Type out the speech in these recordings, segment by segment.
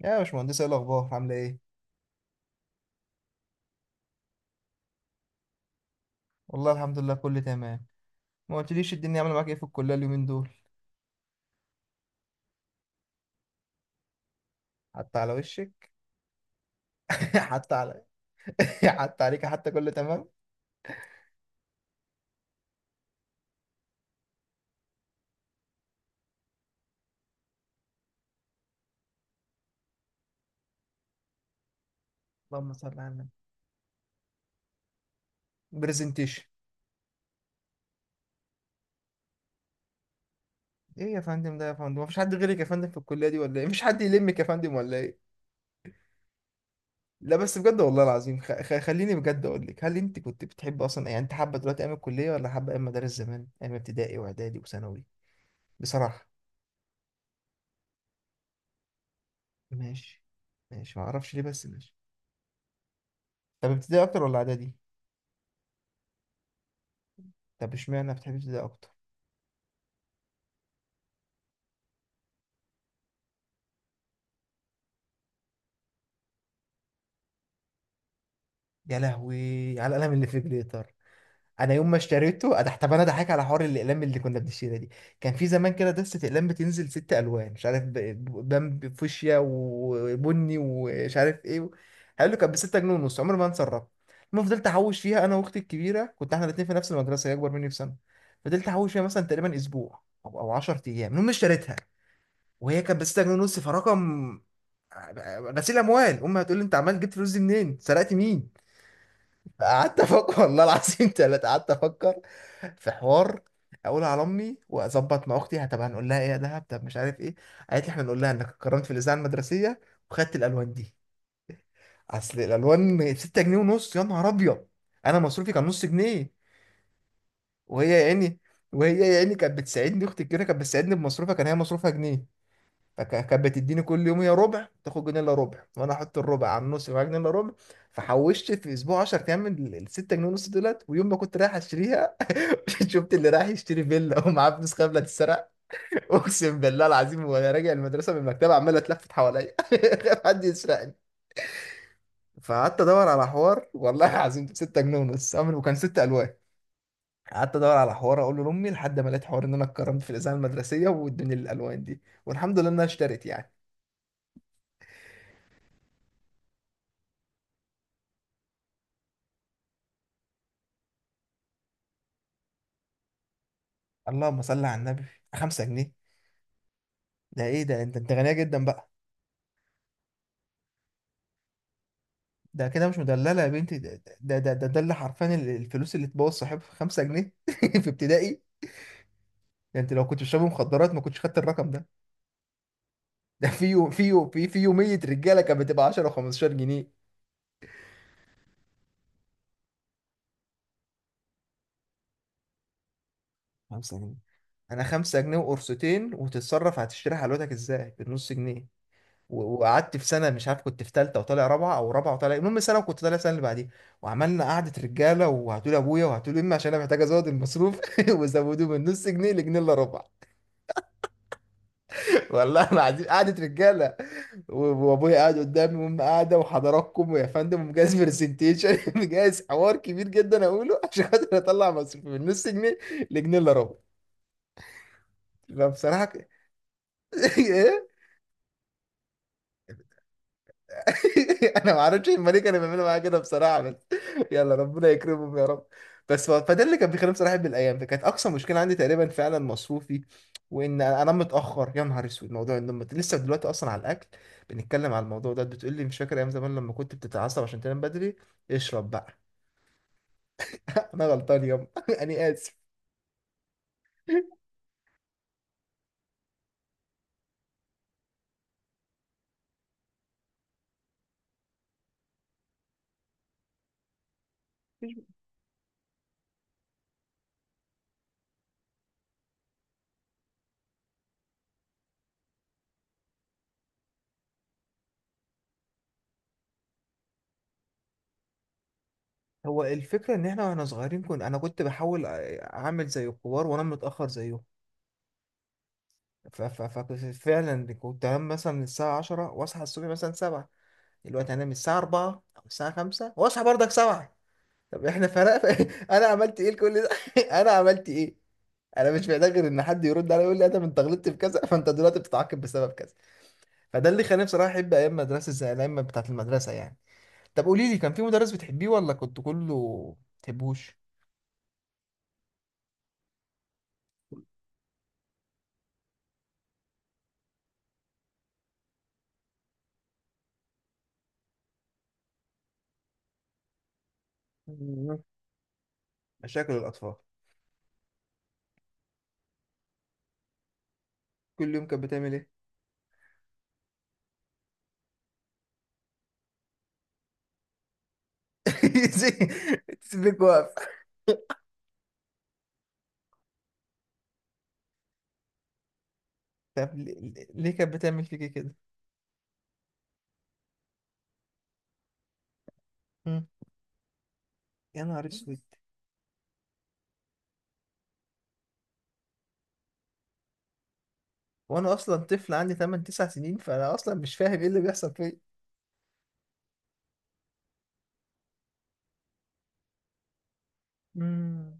يا باشمهندس, ايه الاخبار؟ عامله ايه؟ والله الحمد لله كله تمام. ما قلتليش الدنيا عامله معاك ايه في الكليه اليومين دول؟ حتى على وشك. حتى على. حتى عليك, حتى كله تمام. اللهم صل على النبي. برزنتيشن؟ ايه يا فندم ده؟ يا فندم مفيش حد غيرك يا فندم في الكليه دي ولا ايه؟ مفيش حد يلمك يا فندم ولا ايه؟ لا بس بجد والله العظيم, خليني بجد اقول لك, هل انت كنت بتحب اصلا؟ يعني انت حابه دلوقتي ايام الكليه ولا حابه ايام مدارس زمان, ايام ابتدائي واعدادي وثانوي؟ بصراحه. ماشي. ماشي ما اعرفش ليه, بس ماشي. طب ابتدائي اكتر ولا اعدادي؟ طب اشمعنى بتحب ده اكتر؟ يا لهوي على القلم اللي في جليتر. انا يوم ما اشتريته انا, طب انا ضحك على حوار الاقلام اللي كنا بنشتريها دي. كان في زمان كده دستة اقلام بتنزل ست الوان مش عارف بامبي, فوشيا وبني ومش عارف ايه. حلو. كانت ب 6 جنيه ونص, عمري ما انسى الرقم. المهم فضلت احوش فيها انا واختي الكبيره, كنت احنا الاثنين في نفس المدرسه, هي اكبر مني بسنه. فضلت احوش فيها مثلا تقريبا اسبوع او 10 ايام, المهم اشتريتها وهي كانت ب 6 جنيه ونص, فرقم غسيل اموال. امي هتقول لي انت عمال جبت فلوس دي منين, سرقت مين؟ قعدت افكر والله العظيم ثلاثة, قعدت افكر في حوار اقول على امي, واظبط مع اختي طب هنقول لها ايه يا دهب؟ طب مش عارف ايه. قالت لي احنا نقول لها انك اتكرمت في الاذاعه المدرسيه وخدت الالوان دي. اصل الالوان 6 جنيه ونص, يا نهار ابيض. انا مصروفي كان نص جنيه, وهي يا عيني, وهي يا عيني كانت بتساعدني, اختي الكبيره كانت بتساعدني بمصروفها, كان هي مصروفها جنيه, فكانت بتديني كل يوم يا ربع, تاخد جنيه الا ربع وانا احط الربع على النص يبقى معايا جنيه الا ربع. فحوشت في اسبوع, 10 ايام, من ال 6 جنيه ونص دولت, ويوم ما كنت رايح اشتريها شفت اللي رايح يشتري فيلا ومعاه فلوس قبل تتسرق. اقسم بالله العظيم وانا راجع المدرسه من المكتبه عمال اتلفت حواليا خايف حد يسرقني. فقعدت ادور على حوار, والله العظيم 6 جنيه ونص وكان ست الوان. قعدت ادور على حوار اقول له لامي لحد ما لقيت حوار ان انا اتكرمت في الاذاعه المدرسيه وادوني الالوان دي, والحمد لله انها اشترت يعني. اللهم صل على النبي. 5 جنيه؟ ده ايه ده, انت غنيه جدا بقى. ده كده مش مدلله يا بنتي ده. ده ده اللي حرفيا الفلوس اللي تبوظ صاحبها, 5 جنيه في ابتدائي. ده انت لو كنت بتشرب مخدرات ما كنتش خدت الرقم ده. ده في يو في يو في في يوميه رجاله كانت بتبقى 10 و15 جنيه. 5 جنيه. انا 5 جنيه وقرصتين وتتصرف, هتشتري حلوتك ازاي بالنص جنيه؟ وقعدت في سنه, مش عارف كنت في ثالثه وطالع رابعه او رابعه وطالع, المهم سنه وكنت طالع السنه اللي بعديها, وعملنا قعده رجاله وهاتوا لي ابويا وهاتوا لي امي, عشان انا محتاج ازود المصروف وزودوه من نص جنيه لجنيه الا ربع. والله العظيم قعده رجاله, و- وابويا قاعد قدامي وامي قاعده وحضراتكم ويا فندم, ومجهز برزنتيشن مجهز حوار كبير جدا اقوله عشان خاطر اطلع مصروفي من نص جنيه لجنيه الا ربع. فبصراحه. ايه. انا ما اعرفش الملك كان بيعملوا معايا كده بصراحه, بس يلا ربنا يكرمهم يا رب. بس فده اللي كان بيخليني بصراحه بالايام, فكانت اقصى مشكله عندي تقريبا فعلا مصروفي, وان انام متاخر. يا نهار اسود, موضوع النوم لسه دلوقتي, اصلا على الاكل بنتكلم على الموضوع ده, بتقول لي مش فاكر ايام زمان لما كنت بتتعصب عشان تنام بدري؟ اشرب بقى. انا غلطان يوم, انا اسف. هو الفكره ان احنا واحنا صغيرين كنا, انا كنت بحاول اعمل زي الكبار وانام متاخر زيهم, فكنت فعلا كنت انام مثلا الساعه 10 واصحى الصبح مثلا 7. دلوقتي هنام الساعة 4 أو الساعة 5 وأصحى برضك 7. طب إحنا فرق. أنا عملت إيه لكل ده؟ أنا عملت إيه؟ أنا مش محتاج غير إن حد يرد عليا يقول لي أدم أنت غلطت في كذا فأنت دلوقتي بتتعاقب بسبب كذا. فده اللي خلاني بصراحة أحب أيام مدرسة زي الأيام بتاعة المدرسة يعني. طب قولي لي, كان في مدرس بتحبيه ولا كنت كله ما بتحبوش؟ مم. مشاكل الأطفال. كل يوم كانت بتعمل إيه؟ سيبك واقف. طب ليه ليه كانت بتعمل فيكي كده؟ مم. يا نهار اسود. وانا اصلا طفل عندي 8 9 سنين, فانا اصلا مش فاهم ايه اللي بيحصل فيا. مم.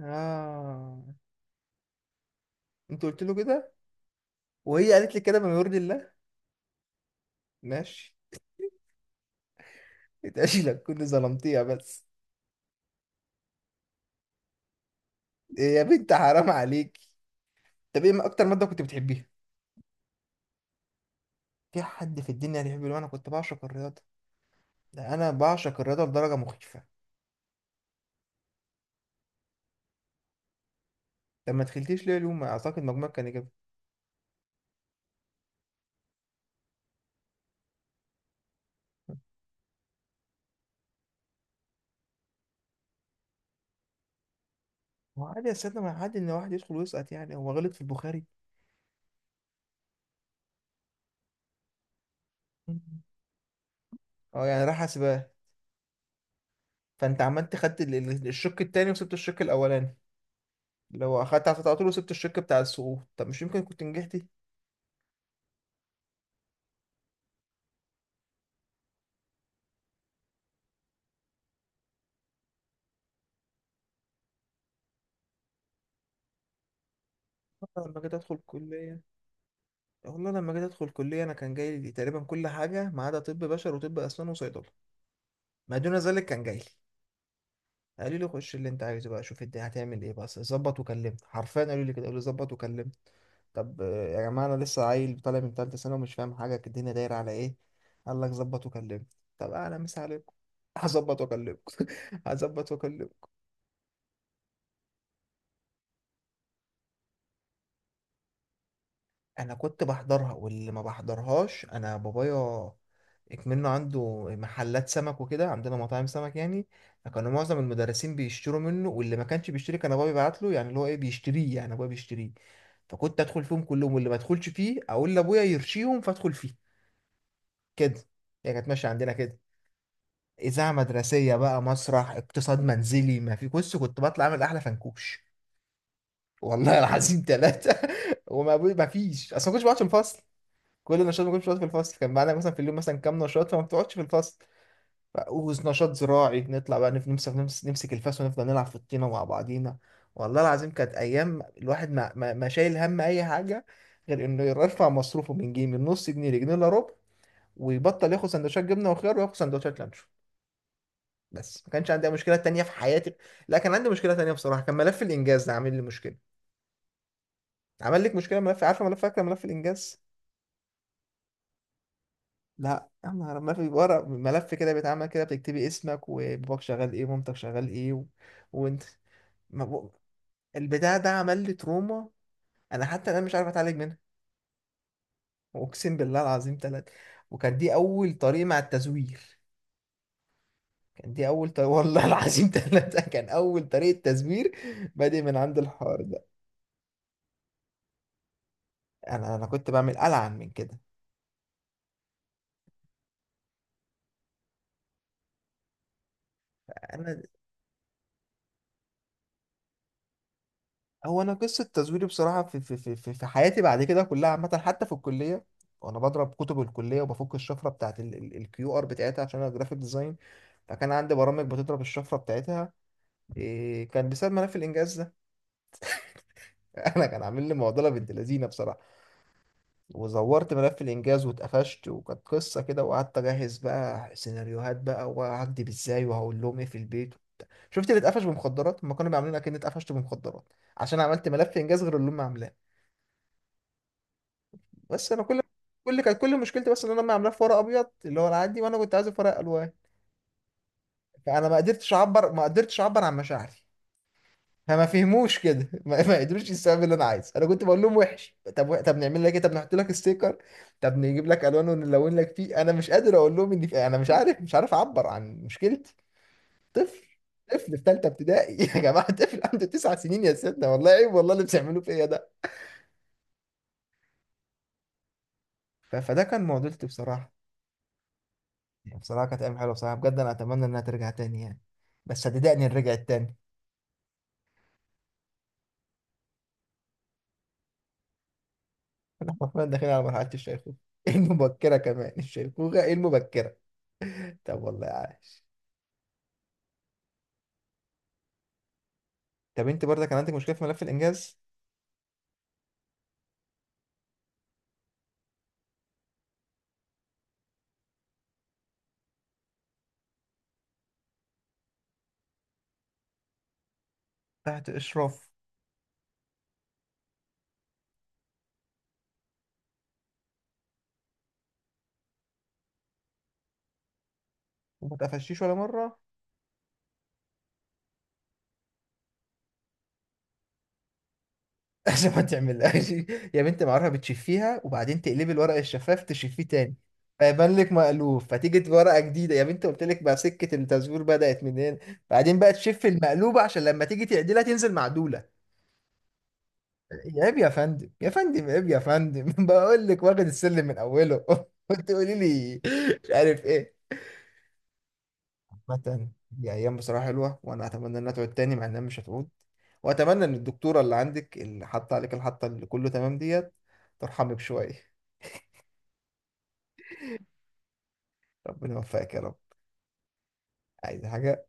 اه. انت قلت له كده؟ وهي قالت لي كده؟ من يرضي الله. ماشي. اتقاشي لك كنت ظلمتيها بس. إيه يا بنت, حرام عليك. طب ايه اكتر ماده كنت بتحبيها؟ في حد في الدنيا بيحب العلوم؟ انا كنت بعشق الرياضه. ده انا بعشق الرياضه لدرجه مخيفه. طب ما دخلتيش ليه علوم؟ اعتقد مجموعك كان جاب. هو عادي يا سيدنا, ما عادي ان واحد يدخل ويسقط, يعني هو غلط في البخاري؟ مم. اه, يعني راح حاسبات. فانت عملت خدت الشق التاني وسبت الشق الاولاني, اللي هو اخدت على طول وسبت الشق بتاع السقوط. طب مش يمكن كنت نجحت؟ والله لما جيت ادخل كليه, والله لما جيت ادخل كليه, انا كان جاي لي تقريبا كل حاجه ما عدا طب بشر وطب اسنان وصيدله. ما دون ذلك كان جاي لي. قالوا لي خش اللي انت عايزه بقى, شوف انت هتعمل ايه, بس ظبط وكلمني. حرفيا قالوا لي كده, قالوا لي ظبط وكلمني. طب يا جماعه انا لسه عيل طالع من ثالثه ثانوي ومش فاهم حاجه الدنيا دايره على ايه, قال لك ظبط وكلمني؟ طب انا مس عليكم, هظبط واكلمكم. هظبط واكلمكم. انا كنت بحضرها, واللي ما بحضرهاش انا بابايا. منه عنده محلات سمك وكده, عندنا مطاعم سمك يعني, فكانوا معظم المدرسين بيشتروا منه, واللي ما كانش بيشتري كان ابويا بيبعت له, يعني اللي هو ايه بيشتريه, يعني ابويا بيشتريه. فكنت ادخل فيهم كلهم, واللي ما ادخلش فيه اقول لابويا يرشيهم فادخل فيه. كده. هي كانت ماشيه عندنا كده. اذاعه مدرسيه بقى, مسرح, اقتصاد منزلي, ما في, بص, كنت بطلع اعمل احلى فنكوش. والله العظيم ثلاثه. وما ما فيش اصلا ما كنتش بقعد في الفصل. كل نشاط ما كنتش بتقعد في الفصل, كان معانا مثلا في اليوم مثلا كام نشاط فما بتقعدش في الفصل. ونشاط زراعي نطلع بقى نف- نمسك نمس- نمسك الفاس ونفضل نلعب في الطينة مع بعضينا. والله العظيم كانت أيام الواحد ما شايل هم أي حاجة, غير إنه يرفع مصروفه من جنيه, من نص جنيه لجنيه إلا ربع, ويبطل ياخد سندوتشات جبنة وخيار وياخد سندوتشات لانشو. بس ما كانش عندي أي مشكلة تانية في حياتي. لا كان عندي مشكلة تانية بصراحة, كان ملف الإنجاز ده عامل لي مشكلة. عمل لك مشكلة ملف؟ عارفة ملف, فاكرة ملف الإنجاز؟ لا يا نهار, ما في ورق ملف كده بيتعمل كده بتكتبي اسمك وباباك شغال ايه ومامتك شغال ايه وانت ما بق... البتاع ده عمل لي تروما. انا حتى انا مش عارف اتعالج منها. اقسم بالله العظيم ثلاثة. وكان دي اول طريقة مع التزوير, كان دي اول طريقة, والله العظيم ثلاثة كان اول طريقة تزوير بادئ من عند الحوار ده. انا كنت بعمل العن من كده. انا هو انا قصه تزويري بصراحه في حياتي بعد كده كلها عامه حتى في الكليه, وانا بضرب كتب الكليه وبفك الشفره بتاعت الكيو ار بتاعتها عشان انا جرافيك ديزاين, فكان عندي برامج بتضرب الشفره بتاعتها. إيه؟ كان بسبب ملف الانجاز ده. انا كان عامل لي معضله بنت لذينه بصراحه. وزورت ملف الانجاز واتقفشت, وكانت قصه كده, وقعدت اجهز بقى سيناريوهات بقى وهكدب ازاي وهقول لهم ايه في البيت. شفت اللي اتقفش بمخدرات, ما كانوا بيعملونا كأني اتقفشت بمخدرات عشان عملت ملف انجاز غير اللي هم عاملاه. بس انا كل مشكلتي بس ان انا ما عاملاه في ورق ابيض اللي هو العادي, وانا كنت عايزه في ورق الوان. فانا ما قدرتش اعبر, ما قدرتش اعبر عن مشاعري, فما فهموش كده. ما قدروش السبب اللي انا عايزه. انا كنت بقول لهم وحش, طب طب نعمل لك ايه, طب نحط لك ستيكر, طب نجيب لك الوان ونلون لك فيه. انا مش قادر اقول لهم اني انا مش عارف, مش عارف اعبر عن مشكلتي. طفل, طفل في ثالثه ابتدائي. يا جماعه, طفل عنده 9 سنين يا سيدنا, والله عيب, والله اللي بتعملوه فيا ده. فده كان معضلتي بصراحه. بصراحة كانت أيام حلوة بصراحة بجد, أنا أتمنى إنها ترجع تاني يعني. بس صدقني إن رجعت تاني. إحنا حرفيا داخلين على مرحلة الشيخوخة. إيه المبكرة كمان, الشيخوخة إيه المبكرة. طب والله عاش. طب أنت برضه كان عندك مشكلة في ملف الإنجاز؟ تحت إشراف. وما تقفشيش ولا مرة؟ عشان ما تعملهاش. يا بنت معرفة, بتشفيها وبعدين تقلبي الورق الشفاف تشفيه تاني فيبان لك مألوف فتيجي ورقة جديدة, يا بنت قلت لك بقى سكة التزوير بدأت منين. بعدين بقى تشف المقلوبة عشان لما تيجي تعدلها تنزل معدولة. عيب يا فندم, يا فندم عيب يا فندم. بقول لك واخد السلم من اوله. وتقولي لي مش عارف ايه. عامة دي ايام بصراحه حلوه وانا اتمنى انها تعود تاني, مع انها مش هتعود. واتمنى ان الدكتوره اللي عندك اللي حاطه عليك الحطه اللي كله تمام ديت ترحمك شويه. ربنا يوفقك يا رب. عايز حاجه؟